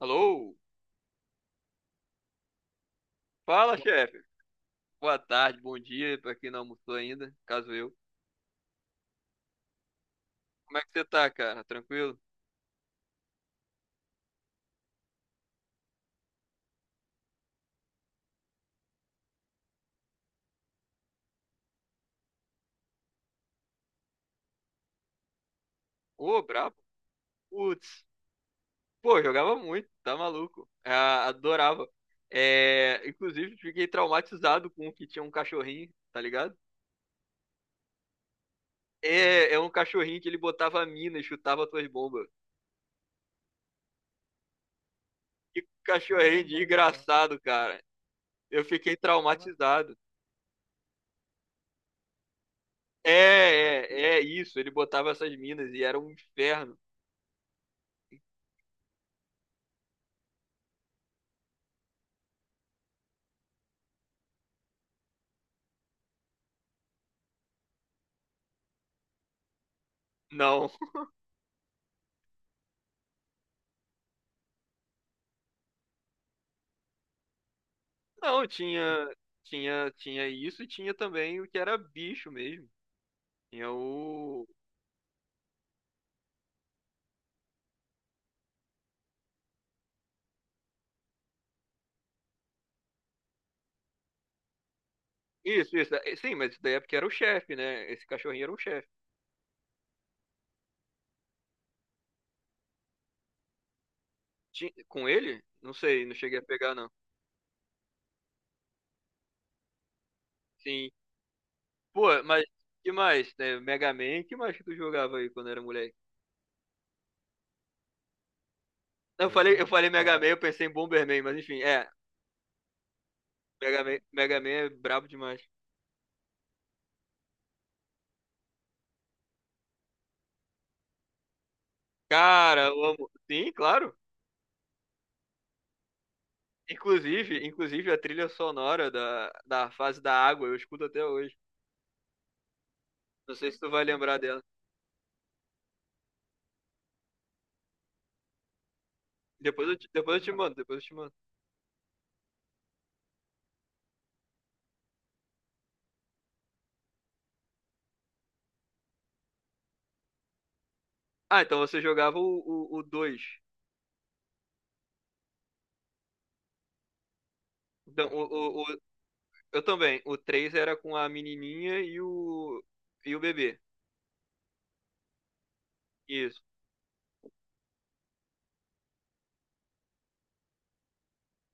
Alô? Fala, chefe. Boa tarde, bom dia pra quem não almoçou ainda, caso eu. Como é que você tá, cara? Tranquilo? Ô, brabo. Putz. Pô, jogava muito, tá maluco. Ah, adorava. É, inclusive, fiquei traumatizado com o que tinha um cachorrinho, tá ligado? É, é um cachorrinho que ele botava mina e chutava tuas bombas. Que cachorrinho de engraçado, cara. Eu fiquei traumatizado. É, é isso. Ele botava essas minas e era um inferno. Não. Não, tinha, tinha isso e tinha também o que era bicho mesmo. Tinha o. Isso, isso. Sim, mas isso daí é porque era o chefe, né? Esse cachorrinho era o chefe. Com ele? Não sei, não cheguei a pegar, não. Sim. Pô, mas que mais, né? Mega Man, que mais que tu jogava aí quando era moleque? Não, eu falei Mega Man, eu pensei em Bomberman, mas enfim, é. Mega Man, Mega Man é brabo demais. Cara, eu amo. Sim, claro. Inclusive, a trilha sonora da fase da água, eu escuto até hoje. Não sei se tu vai lembrar dela. Depois eu te mando, depois eu te mando. Ah, então você jogava o dois. Então, o, o- eu também. O 3 era com a menininha e o bebê. Isso,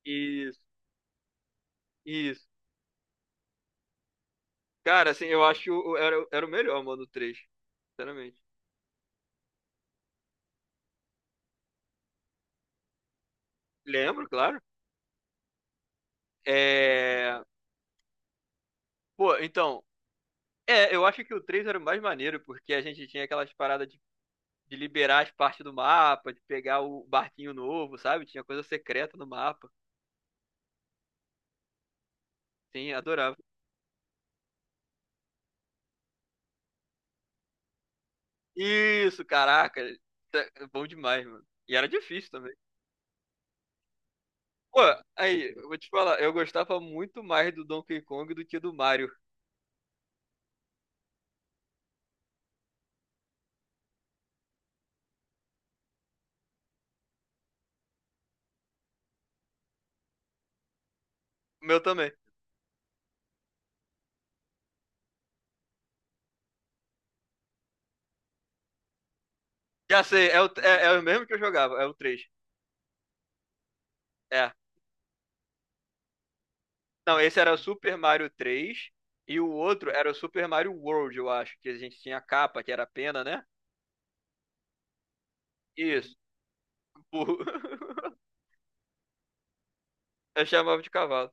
isso, isso. Cara, assim, eu acho, era o melhor, mano, o três. Sinceramente. Lembro, claro. É... Pô, então. É, eu acho que o 3 era o mais maneiro, porque a gente tinha aquelas paradas de liberar as partes do mapa, de pegar o barquinho novo, sabe? Tinha coisa secreta no mapa. Sim, adorava. Isso, caraca. É bom demais, mano. E era difícil também. Pô, aí, eu vou te falar, eu gostava muito mais do Donkey Kong do que do Mario. O meu também. Já sei, é o mesmo que eu jogava, é o três. É. Não, esse era o Super Mario três e o outro era o Super Mario World, eu acho, que a gente tinha a capa, que era a pena, né? Isso. Burro. Eu chamava de cavalo.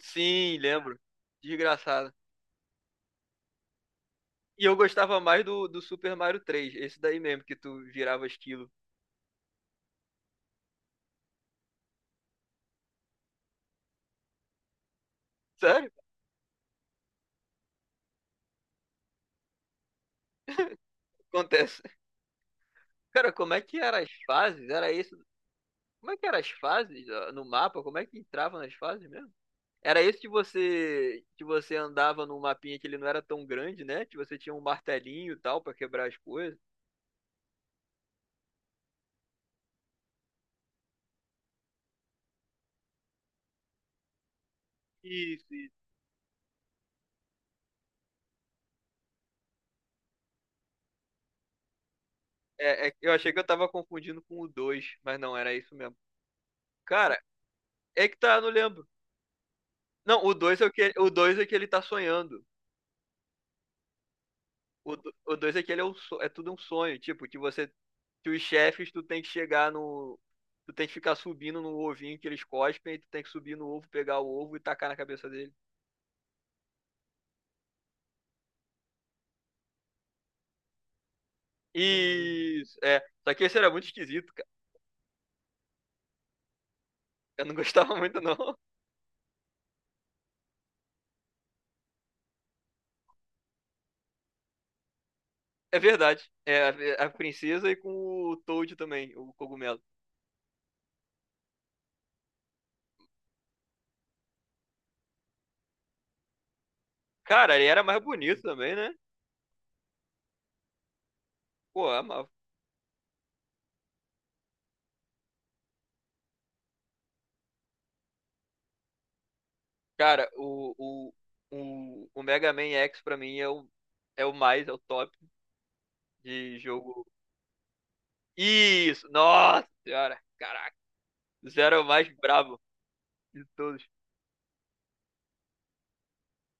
Sim, lembro. Desgraçado. E eu gostava mais do Super Mario três, esse daí mesmo, que tu virava esquilo. Sério? Acontece. Cara, como é que eram as fases? Era isso? Como é que eram as fases, ó, no mapa? Como é que entrava nas fases mesmo? Era isso, que você andava num mapinha que ele não era tão grande, né? Que você tinha um martelinho e tal pra quebrar as coisas. Isso, isso. É, eu achei que eu tava confundindo com o dois, mas não, era isso mesmo. Cara, é que tá, eu não lembro. Não, o 2 é que ele tá sonhando. O dois é que ele é, é tudo um sonho, tipo, que os chefes, tu tem que ficar subindo no ovinho que eles cospem, e tu tem que subir no ovo, pegar o ovo e tacar na cabeça dele. Uhum. Isso, é. Só que esse era muito esquisito, cara. Eu não gostava muito, não. É verdade. É a princesa e com o Toad também, o cogumelo. Cara, ele era mais bonito também, né? Pô, eu amava. Cara, o Mega Man X, pra mim, é o, mais, é o top de jogo. Isso! Nossa senhora! Caraca! Zero é o mais brabo de todos.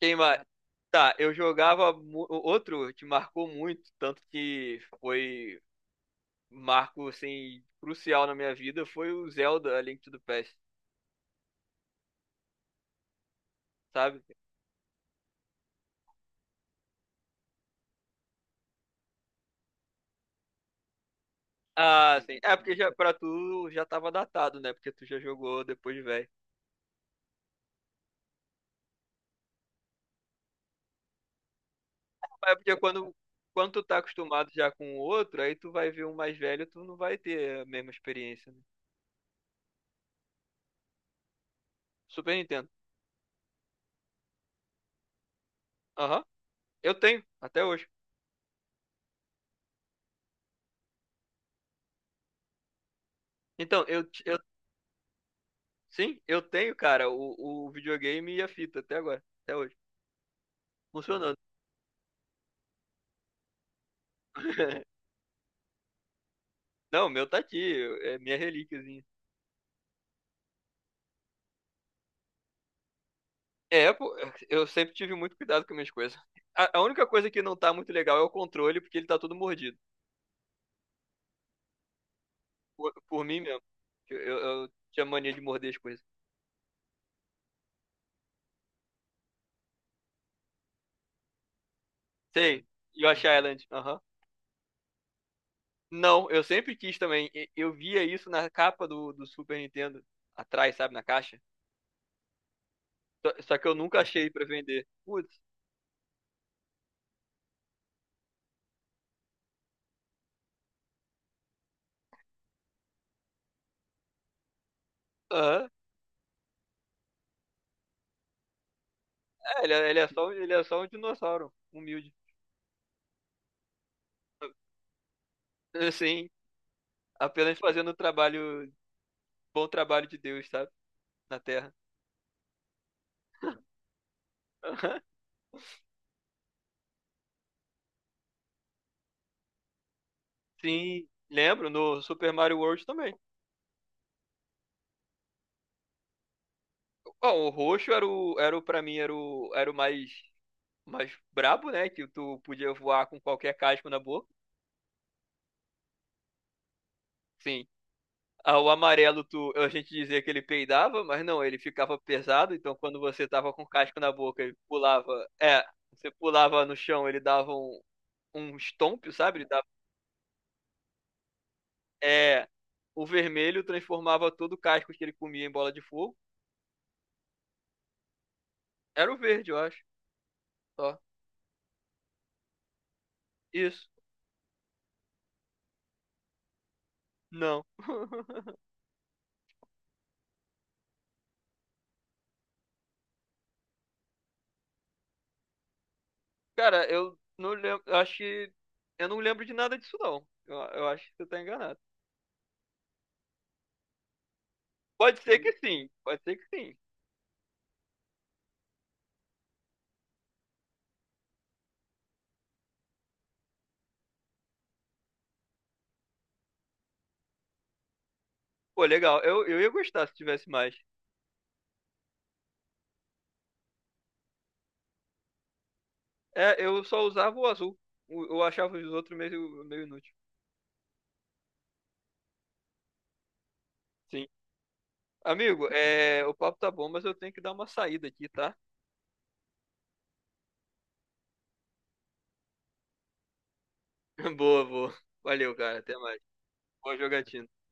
Quem mais? Tá, eu jogava. Outro que marcou muito, tanto que foi marco assim, crucial na minha vida, foi o Zelda A Link to the Past, sabe? Ah, sim. É porque já, pra tu, já tava datado, né? Porque tu já jogou depois de velho. É porque quando tu tá acostumado já com o outro, aí tu vai ver um mais velho, tu não vai ter a mesma experiência, né? Super Nintendo. Aham. Eu tenho, até hoje. Então, eu sim, eu tenho, cara, o videogame e a fita até agora, até hoje, funcionando. Não, o meu tá aqui, é minha relíquiazinha. É, pô, eu sempre tive muito cuidado com minhas coisas. A única coisa que não tá muito legal é o controle, porque ele tá todo mordido. Por mim mesmo. Eu, eu, eu tinha mania de morder as coisas. Sei, Yoshi Island, aham. Não, eu sempre quis também. Eu via isso na capa do Super Nintendo, atrás, sabe, na caixa. Só que eu nunca achei pra vender. Putz. É, ele é, ele é só um dinossauro, humilde. Assim, apenas fazendo o trabalho, bom trabalho de Deus, sabe? Na Terra. Aham. Sim, lembro, no Super Mario World também. Ó, o roxo pra mim, era o mais brabo, né? Que tu podia voar com qualquer casco na boca. Sim. Ah, o amarelo, tu, a gente dizia que ele peidava, mas não, ele ficava pesado, então quando você tava com o casco na boca, ele pulava. É, você pulava no chão, ele dava um stomp, sabe? É, o vermelho transformava todo o casco que ele comia em bola de fogo. Era o verde, eu acho. Só. Isso. Não. Cara, eu não lembro. Eu acho que. Eu não lembro de nada disso, não. Eu acho que você tá enganado. Pode ser que sim. Pode ser que sim. Pô, legal. Eu ia gostar se tivesse mais. É, eu só usava o azul. Eu achava os outros meio, meio inútil. Sim. Amigo, é, o papo tá bom, mas eu tenho que dar uma saída aqui, tá? Boa, boa. Valeu, cara. Até mais. Boa jogatina.